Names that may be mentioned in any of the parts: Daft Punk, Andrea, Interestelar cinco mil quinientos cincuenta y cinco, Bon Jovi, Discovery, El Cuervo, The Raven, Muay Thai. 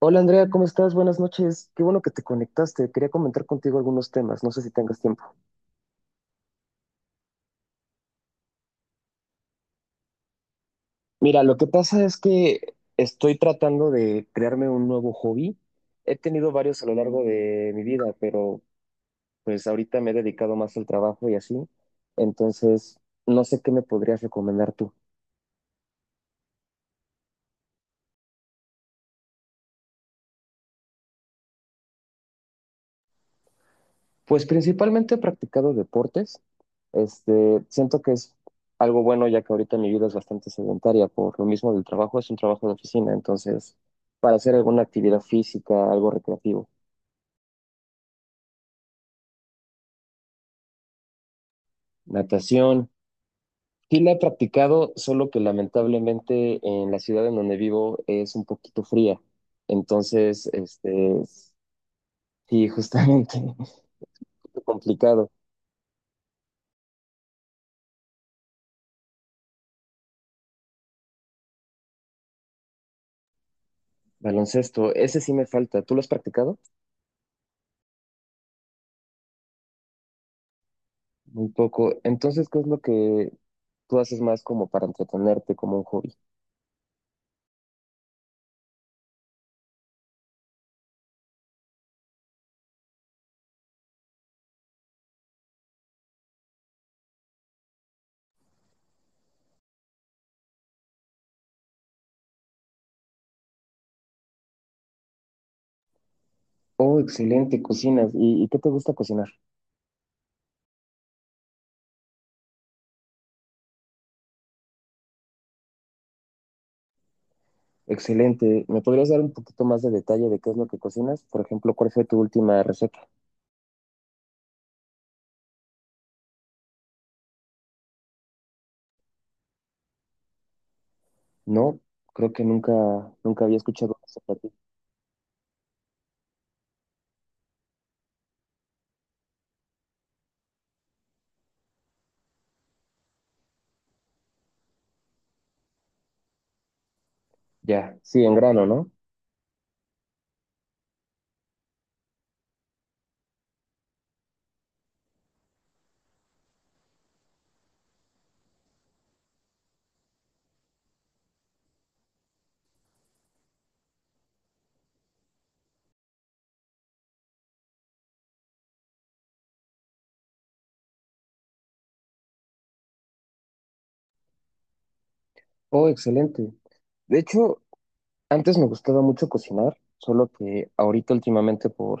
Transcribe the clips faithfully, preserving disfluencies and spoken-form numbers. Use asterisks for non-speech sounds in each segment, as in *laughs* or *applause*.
Hola, Andrea, ¿cómo estás? Buenas noches. Qué bueno que te conectaste. Quería comentar contigo algunos temas. No sé si tengas tiempo. Mira, lo que pasa es que estoy tratando de crearme un nuevo hobby. He tenido varios a lo largo de mi vida, pero pues ahorita me he dedicado más al trabajo y así. Entonces, no sé qué me podrías recomendar tú. Pues principalmente he practicado deportes. Este, siento que es algo bueno ya que ahorita mi vida es bastante sedentaria por lo mismo del trabajo, es un trabajo de oficina, entonces para hacer alguna actividad física, algo recreativo. Natación, sí la he practicado, solo que lamentablemente en la ciudad en donde vivo es un poquito fría, entonces este, sí, justamente *laughs* complicado. Baloncesto, ese sí me falta. ¿Tú lo has practicado? Muy poco. Entonces, ¿qué es lo que tú haces más como para entretenerte, como un hobby? Oh, excelente, cocinas. ¿Y, y qué te gusta cocinar? Excelente. ¿Me podrías dar un poquito más de detalle de qué es lo que cocinas? Por ejemplo, ¿cuál fue tu última receta? No, creo que nunca, nunca había escuchado eso para ti. Ya, sí, en grano, ¿no? Oh, excelente. De hecho, antes me gustaba mucho cocinar, solo que ahorita últimamente por,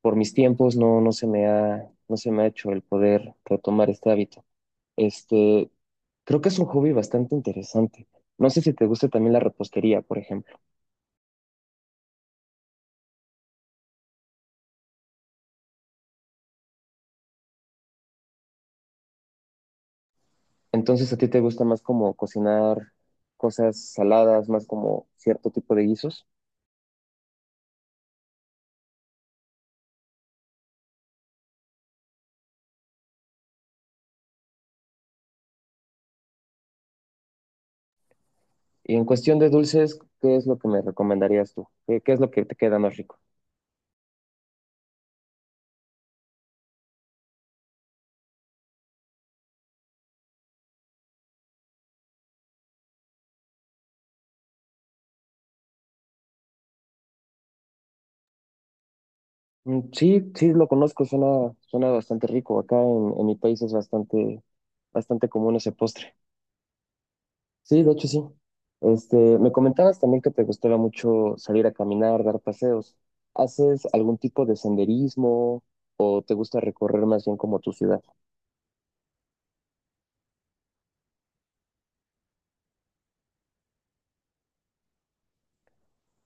por mis tiempos no, no se me ha, no se me ha hecho el poder retomar este hábito. Este, Creo que es un hobby bastante interesante. No sé si te gusta también la repostería, por ejemplo. Entonces, ¿a ti te gusta más como cocinar cosas saladas, más como cierto tipo de guisos? Y en cuestión de dulces, ¿qué es lo que me recomendarías tú? ¿Qué, qué es lo que te queda más rico? Mm, sí, sí, lo conozco, suena, suena bastante rico. Acá en, en mi país es bastante, bastante común ese postre. Sí, de hecho sí. Este, me comentabas también que te gustaba mucho salir a caminar, dar paseos. ¿Haces algún tipo de senderismo o te gusta recorrer más bien como tu ciudad?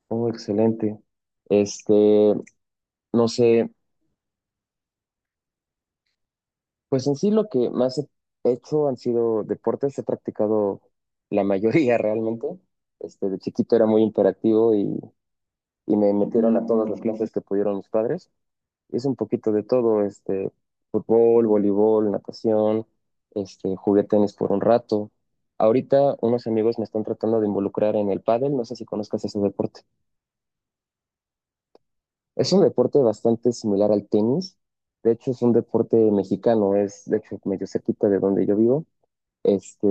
Oh, excelente. Este, no sé, pues en sí lo que más he hecho han sido deportes, he practicado la mayoría *laughs* realmente. Este, de chiquito era muy imperactivo y, y me metieron a todas las clases que pudieron mis padres. Es un poquito de todo, este, fútbol, voleibol, natación, este, jugué tenis por un rato. Ahorita unos amigos me están tratando de involucrar en el pádel, no sé si conozcas ese deporte. Es un deporte bastante similar al tenis, de hecho es un deporte mexicano, es de hecho medio cerquita de donde yo vivo. Este,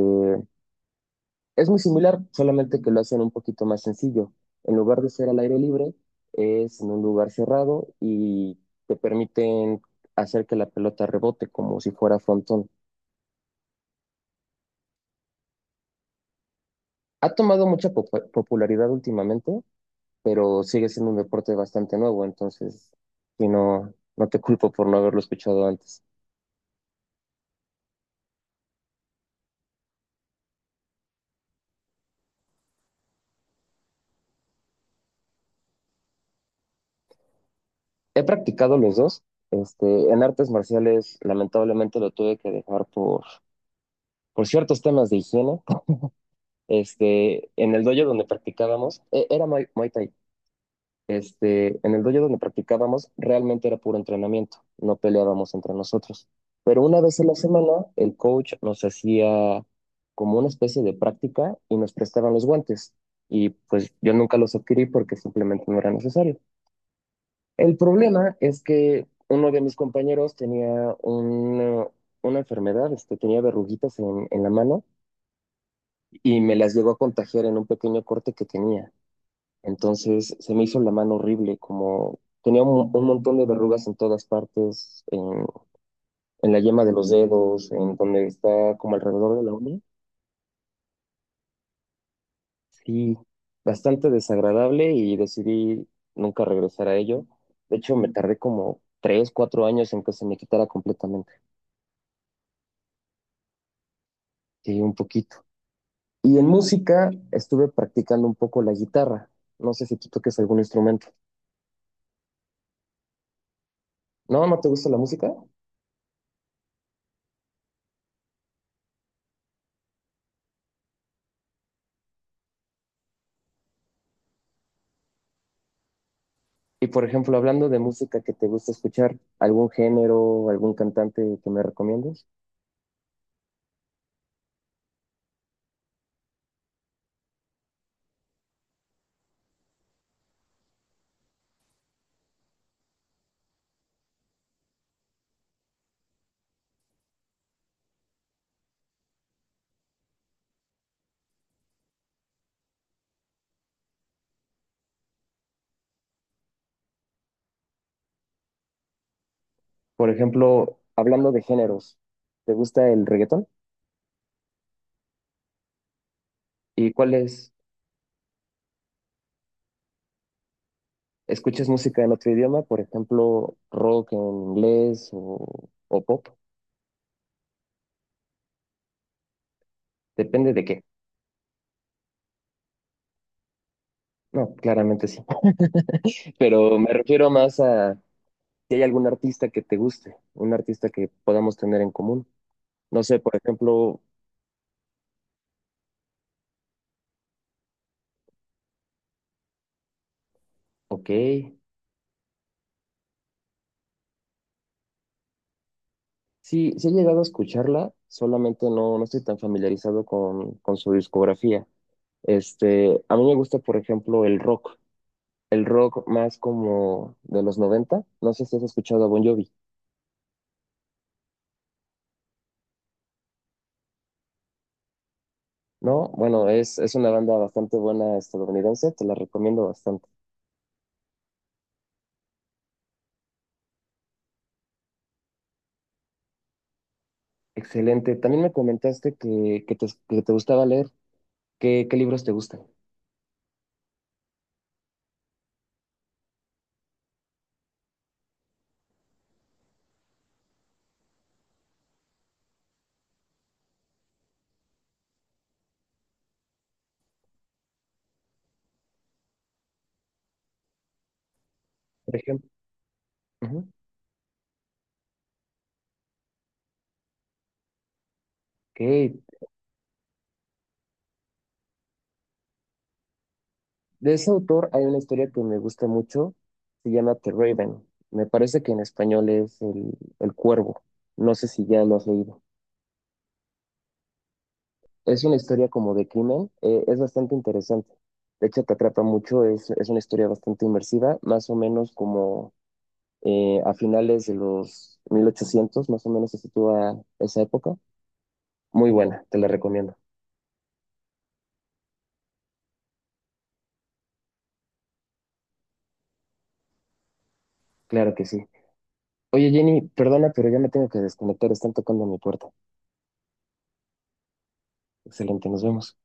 Es muy similar, solamente que lo hacen un poquito más sencillo. En lugar de ser al aire libre, es en un lugar cerrado y te permiten hacer que la pelota rebote como si fuera frontón. Ha tomado mucha popu- popularidad últimamente, pero sigue siendo un deporte bastante nuevo, entonces y no, no te culpo por no haberlo escuchado antes. He practicado los dos. Este, en artes marciales, lamentablemente lo tuve que dejar por, por ciertos temas de higiene. Este, en el dojo donde practicábamos, eh, era Muay, Muay Thai. Este, en el dojo donde practicábamos realmente era puro entrenamiento, no peleábamos entre nosotros. Pero una vez a la semana el coach nos hacía como una especie de práctica y nos prestaban los guantes. Y pues yo nunca los adquirí porque simplemente no era necesario. El problema es que uno de mis compañeros tenía una, una enfermedad, este, tenía verruguitas en, en la mano y me las llegó a contagiar en un pequeño corte que tenía. Entonces se me hizo la mano horrible, como tenía un, un montón de verrugas en todas partes, en, en la yema de los dedos, en donde está como alrededor de la uña. Sí, bastante desagradable y decidí nunca regresar a ello. De hecho, me tardé como tres, cuatro años en que se me quitara completamente. Sí, un poquito. Y en música estuve practicando un poco la guitarra. No sé si tú toques algún instrumento. ¿No? ¿No te gusta la música? Y por ejemplo, hablando de música que te gusta escuchar, ¿algún género, algún cantante que me recomiendes? Por ejemplo, hablando de géneros, ¿te gusta el reggaetón? ¿Y cuál es? ¿Escuchas música en otro idioma? Por ejemplo, rock en inglés o, o pop. Depende de qué. No, claramente sí. *laughs* Pero me refiero más a si hay algún artista que te guste, un artista que podamos tener en común. No sé, por ejemplo, ok. Sí, sí he llegado a escucharla, solamente no, no estoy tan familiarizado con, con su discografía. Este, a mí me gusta, por ejemplo, el rock, el rock más como de los noventa. No sé si has escuchado a Bon Jovi, ¿no? Bueno, es, es una banda bastante buena estadounidense, te la recomiendo bastante. Excelente. También me comentaste que, que te, que te gustaba leer. ¿Qué, qué libros te gustan? Por ejemplo. Ujú. Ok. De ese autor hay una historia que me gusta mucho, se llama The Raven. Me parece que en español es El, el Cuervo. No sé si ya lo has leído. Es una historia como de crimen, eh, es bastante interesante. De hecho, te atrapa mucho, es, es una historia bastante inmersiva, más o menos como eh, a finales de los mil ochocientos. Más o menos se sitúa esa época. Muy buena, te la recomiendo. Claro que sí. Oye, Jenny, perdona, pero ya me tengo que desconectar, están tocando mi puerta. Excelente, nos vemos.